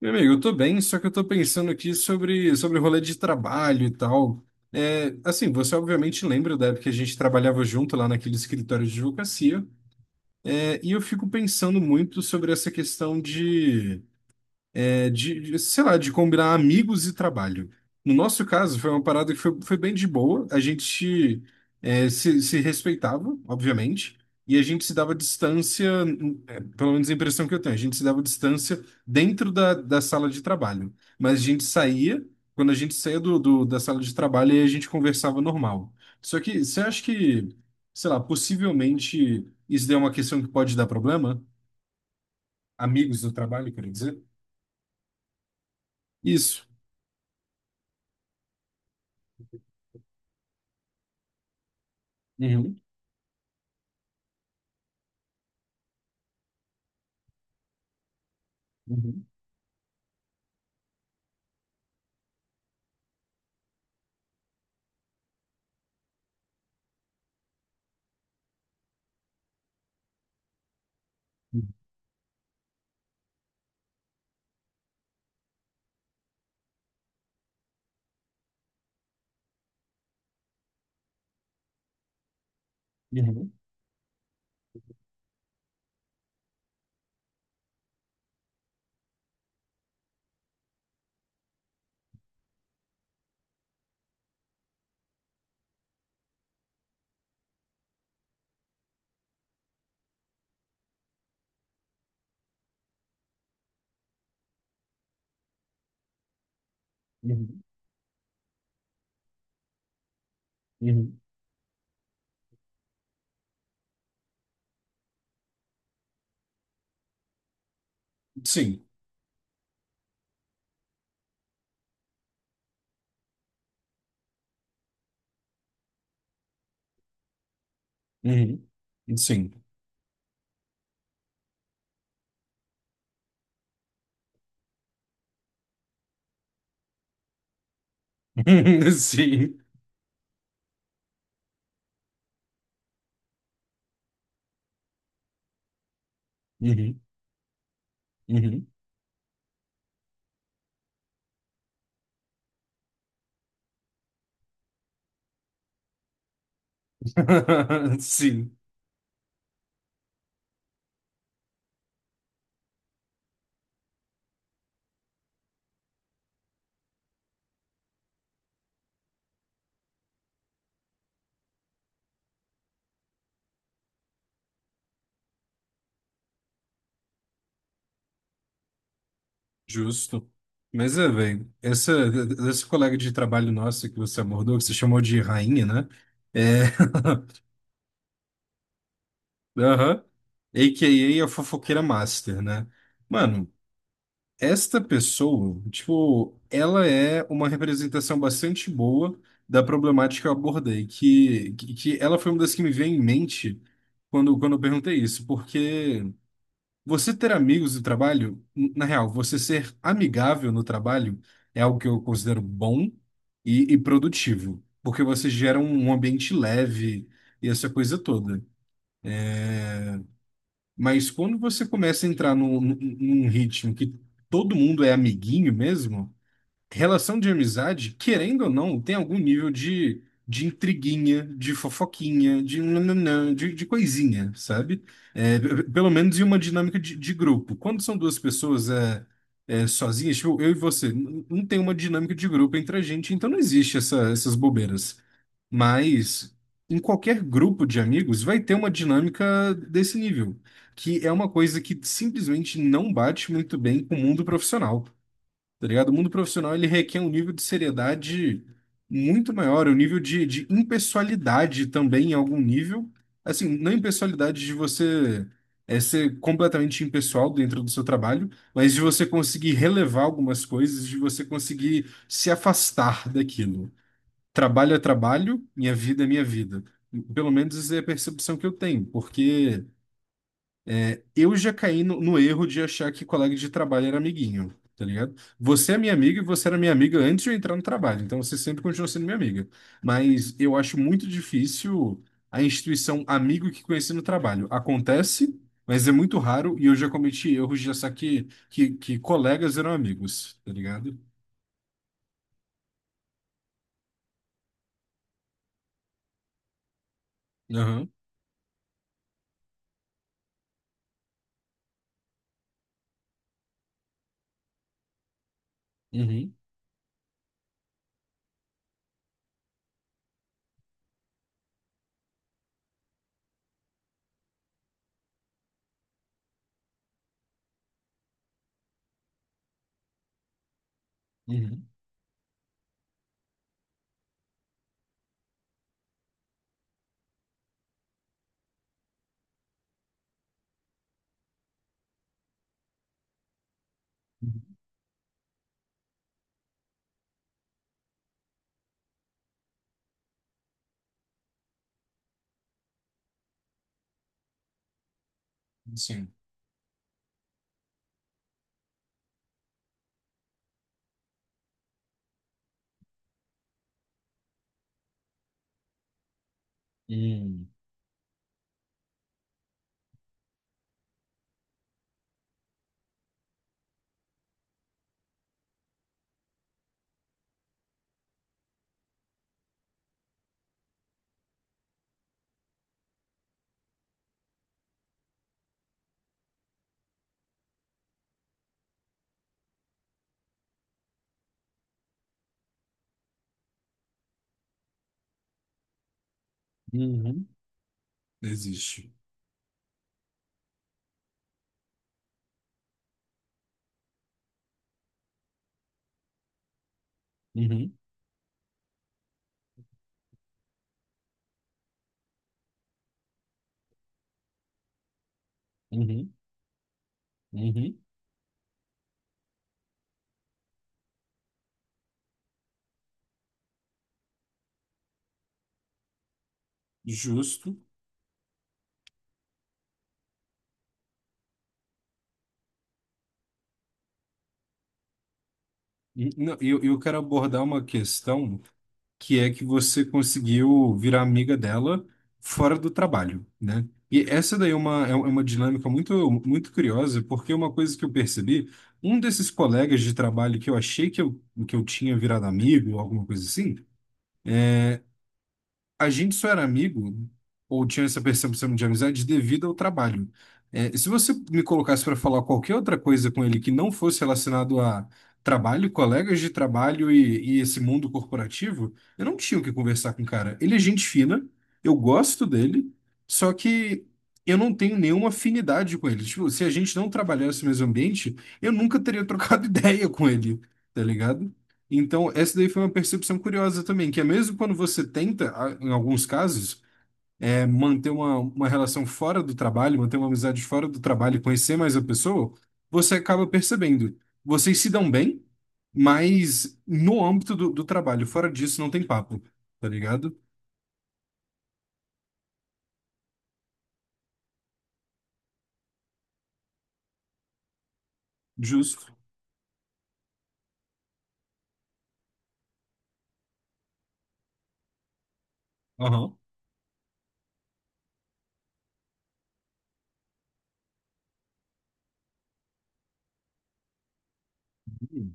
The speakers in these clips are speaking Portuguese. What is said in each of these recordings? Meu amigo, eu tô bem, só que eu tô pensando aqui sobre rolê de trabalho e tal. É, assim, você obviamente lembra da época que a gente trabalhava junto lá naquele escritório de advocacia. É, e eu fico pensando muito sobre essa questão de, sei lá, de combinar amigos e trabalho. No nosso caso, foi uma parada que foi bem de boa. A gente se respeitava, obviamente, e a gente se dava distância, é, pelo menos a impressão que eu tenho, a gente se dava distância dentro da sala de trabalho. Mas quando a gente saía da sala de trabalho, aí a gente conversava normal. Só que você acha que, sei lá, possivelmente isso daí é uma questão que pode dar problema? Amigos do trabalho, quer dizer? Isso. Uhum. Uhum, uhum, uhum. Sim. Uhum. Sim. Sim. Uhum, uhum. Sim. Justo. Mas é, velho, essa, Essa colega de trabalho nossa que você abordou, que você chamou de rainha, né? É. Aham. AKA a fofoqueira master, né? Mano, esta pessoa, tipo, ela é uma representação bastante boa da problemática que eu abordei, que ela foi uma das que me veio em mente quando eu perguntei isso, porque você ter amigos no trabalho, na real, você ser amigável no trabalho é algo que eu considero bom e produtivo, porque você gera um, um ambiente leve e essa coisa toda. Mas quando você começa a entrar num ritmo que todo mundo é amiguinho mesmo. Relação de amizade, querendo ou não, tem algum nível de intriguinha, de fofoquinha, de nananã, de coisinha, sabe? É, pelo menos em uma dinâmica de grupo. Quando são duas pessoas, sozinhas, tipo, eu e você, não tem uma dinâmica de grupo entre a gente, então não existe essas bobeiras. Mas em qualquer grupo de amigos vai ter uma dinâmica desse nível, que é uma coisa que simplesmente não bate muito bem com o mundo profissional. Tá ligado? O mundo profissional ele requer um nível de seriedade muito maior, um nível de impessoalidade também em algum nível. Assim, não é impessoalidade de você, ser completamente impessoal dentro do seu trabalho, mas de você conseguir relevar algumas coisas, de você conseguir se afastar daquilo. Trabalho é trabalho, minha vida é minha vida. Pelo menos é a percepção que eu tenho, porque eu já caí no erro de achar que colega de trabalho era amiguinho, tá ligado? Você é minha amiga e você era minha amiga antes de eu entrar no trabalho, então você sempre continua sendo minha amiga. Mas eu acho muito difícil a instituição amigo que conheci no trabalho. Acontece, mas é muito raro e eu já cometi erros de achar que colegas eram amigos, tá ligado? Aham. Uhum. Uhum. Uhum. Sim. Hum. Uhum. Existe. Uhum. Uhum. Uhum. Justo. Não, eu quero abordar uma questão que é que você conseguiu virar amiga dela fora do trabalho, né? E essa daí é uma, é uma dinâmica muito, muito curiosa, porque uma coisa que eu percebi, um desses colegas de trabalho que eu achei que eu tinha virado amigo, ou alguma coisa assim, a gente só era amigo, ou tinha essa percepção de amizade, devido ao trabalho. É, se você me colocasse para falar qualquer outra coisa com ele que não fosse relacionado a trabalho, colegas de trabalho e esse mundo corporativo, eu não tinha o que conversar com o cara. Ele é gente fina, eu gosto dele, só que eu não tenho nenhuma afinidade com ele. Tipo, se a gente não trabalhasse no mesmo ambiente, eu nunca teria trocado ideia com ele, tá ligado? Então, essa daí foi uma percepção curiosa também, que é mesmo quando você tenta, em alguns casos, é, manter uma relação fora do trabalho, manter uma amizade fora do trabalho, conhecer mais a pessoa, você acaba percebendo. Vocês se dão bem, mas no âmbito do, do trabalho, fora disso não tem papo, tá ligado? Justo. Aham. Uhum.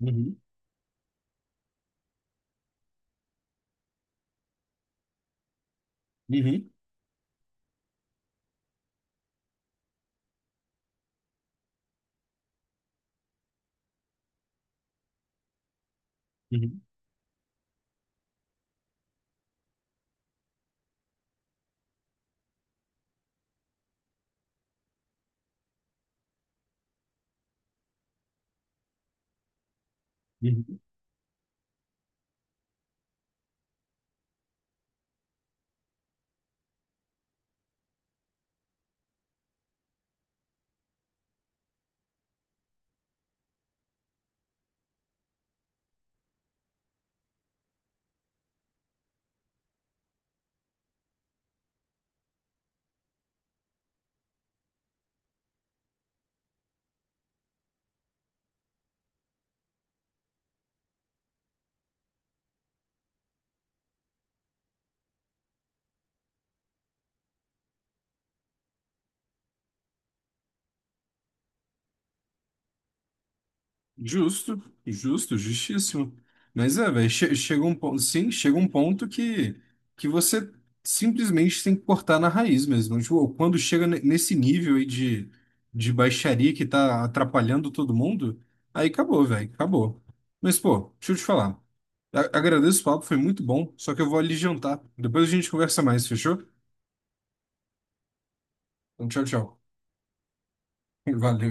Uhum. Uhum. Uhum. Justo, justo, justíssimo. Mas é, velho, chega um ponto, sim, chega um ponto que você simplesmente tem que cortar na raiz mesmo. Tipo, quando chega nesse nível aí de baixaria que tá atrapalhando todo mundo, aí acabou, velho, acabou. Mas, pô, deixa eu te falar. Agradeço o papo, foi muito bom, só que eu vou ali jantar. Depois a gente conversa mais, fechou? Então, tchau, tchau. Valeu.